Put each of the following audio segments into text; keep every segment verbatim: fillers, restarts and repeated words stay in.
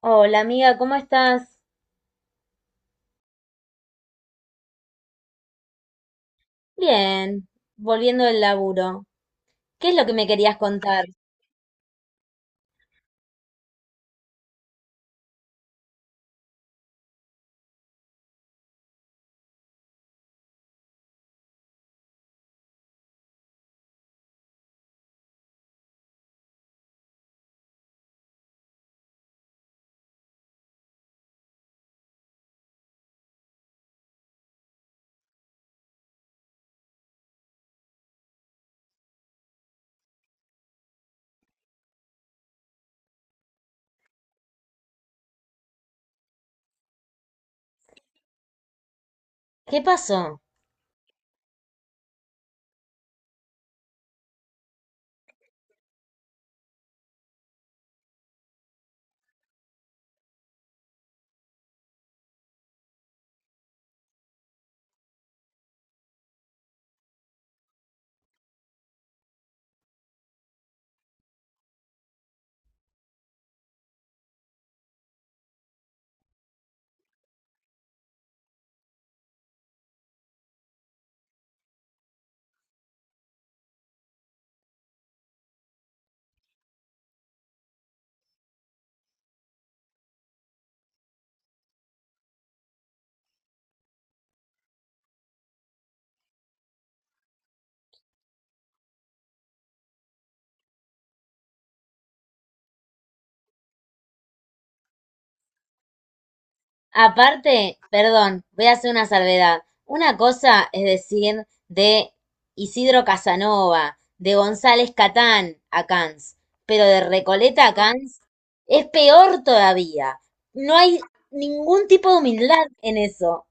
Hola amiga, ¿cómo estás? Bien, volviendo del laburo. ¿Qué es lo que me querías contar? ¿Qué pasó? Aparte, perdón, voy a hacer una salvedad. Una cosa es decir de Isidro Casanova, de González Catán a Cans, pero de Recoleta a Cans es peor todavía. No hay ningún tipo de humildad en eso.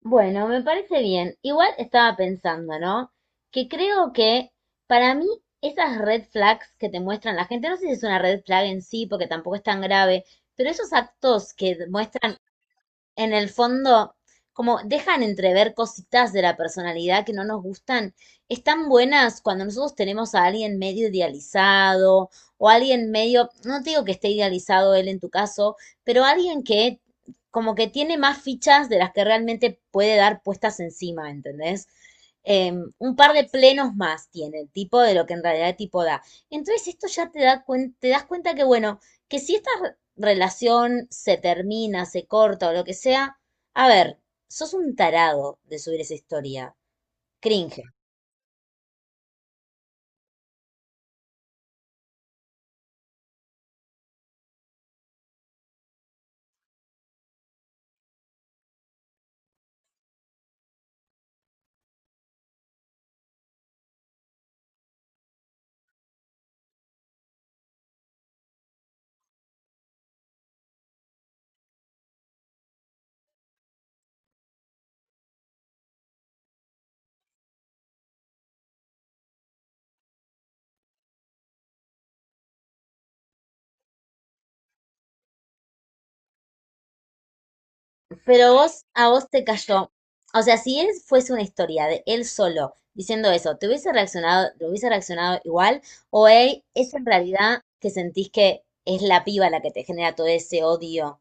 Bueno, me parece bien. Igual estaba pensando, ¿no? Que creo que para mí esas red flags que te muestran la gente, no sé si es una red flag en sí, porque tampoco es tan grave, pero esos actos que muestran en el fondo, como dejan entrever cositas de la personalidad que no nos gustan, están buenas cuando nosotros tenemos a alguien medio idealizado o alguien medio, no te digo que esté idealizado él en tu caso, pero alguien que como que tiene más fichas de las que realmente puede dar puestas encima, ¿entendés? Eh, un par de plenos más tiene el tipo de lo que en realidad el tipo da. Entonces esto ya te, da cuen- te das cuenta que, bueno, que si estas relación se termina, se corta o lo que sea, a ver, sos un tarado de subir esa historia. Cringe. Pero vos, a vos te cayó. O sea, si él fuese una historia de él solo diciendo eso, ¿te hubiese reaccionado, te hubiese reaccionado igual? ¿O hey, es en realidad que sentís que es la piba la que te genera todo ese odio?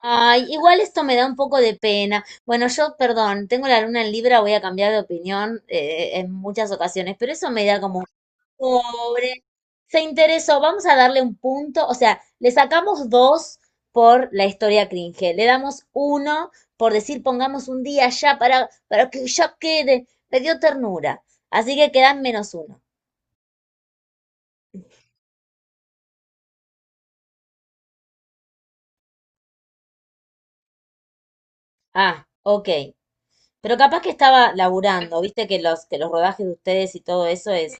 Ay, igual esto me da un poco de pena. Bueno, yo, perdón, tengo la luna en Libra, voy a cambiar de opinión eh, en muchas ocasiones, pero eso me da como pobre, se interesó, vamos a darle un punto, o sea, le sacamos dos por la historia cringe, le damos uno por decir pongamos un día ya para, para que ya quede, me dio ternura, así que quedan menos uno. Ah, ok, pero capaz que estaba laburando, viste que los, que los rodajes de ustedes y todo eso es...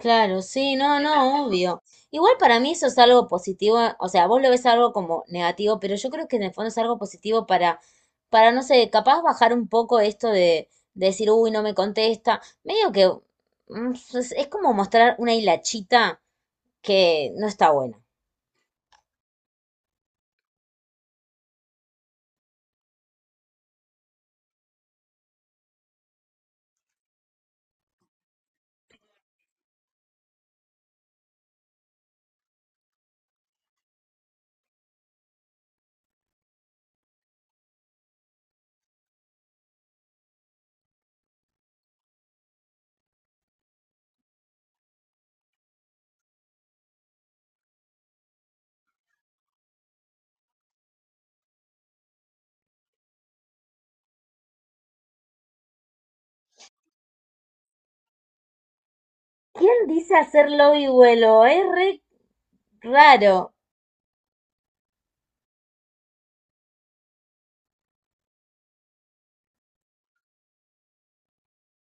Claro, sí, no, no, obvio. Igual para mí eso es algo positivo, o sea, vos lo ves algo como negativo, pero yo creo que en el fondo es algo positivo para, para, no sé, capaz bajar un poco esto de, de decir, uy, no me contesta. Medio que mm, es, es como mostrar una hilachita que no está buena. ¿Quién dice hacer lobby vuelo? Es re raro.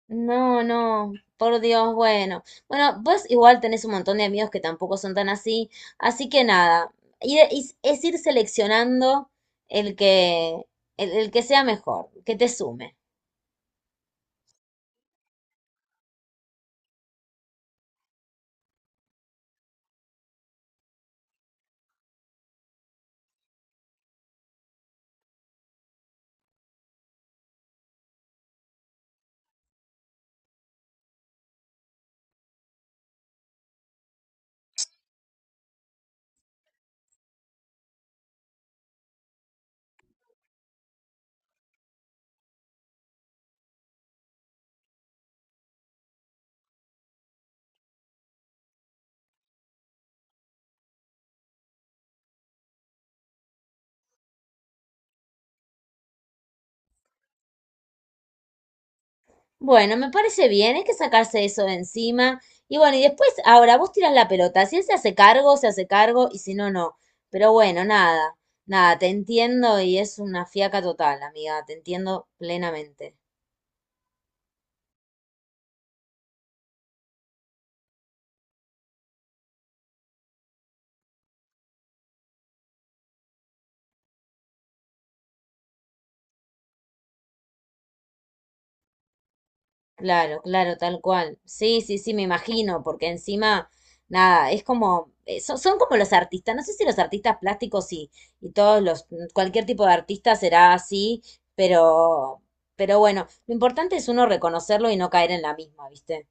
No, no, por Dios, bueno. Bueno, vos igual tenés un montón de amigos que tampoco son tan así, así que nada, ir- is- es ir seleccionando el que, el, el que sea mejor, que te sume. Bueno, me parece bien, hay que sacarse eso de encima. Y bueno, y después, ahora vos tirás la pelota, si él se hace cargo, se hace cargo, y si no, no. Pero bueno, nada, nada, te entiendo y es una fiaca total, amiga, te entiendo plenamente. Claro, claro, tal cual. Sí, sí, sí, me imagino, porque encima, nada, es como, eh, son, son como los artistas, no sé si los artistas plásticos y, y todos los, cualquier tipo de artista será así, pero, pero bueno, lo importante es uno reconocerlo y no caer en la misma, ¿viste?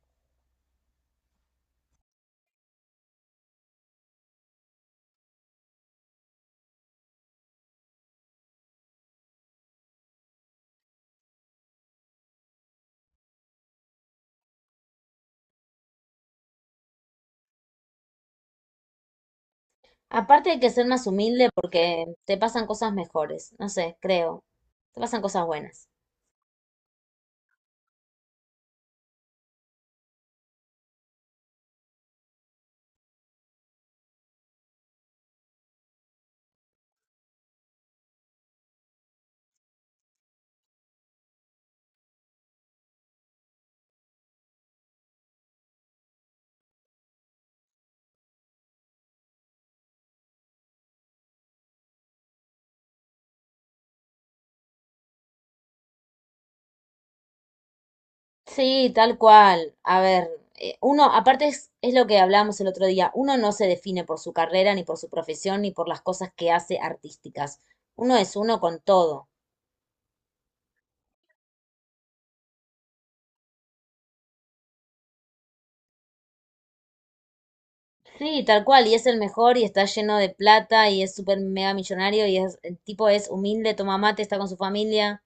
Aparte hay que ser más humilde porque te pasan cosas mejores, no sé, creo, te pasan cosas buenas. Sí, tal cual. A ver, eh, uno, aparte es, es lo que hablábamos el otro día, uno no se define por su carrera, ni por su profesión, ni por las cosas que hace artísticas. Uno es uno con todo. Sí, tal cual, y es el mejor y está lleno de plata y es súper mega millonario y es, el tipo es humilde, toma mate, está con su familia.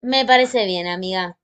Me parece bien, amiga.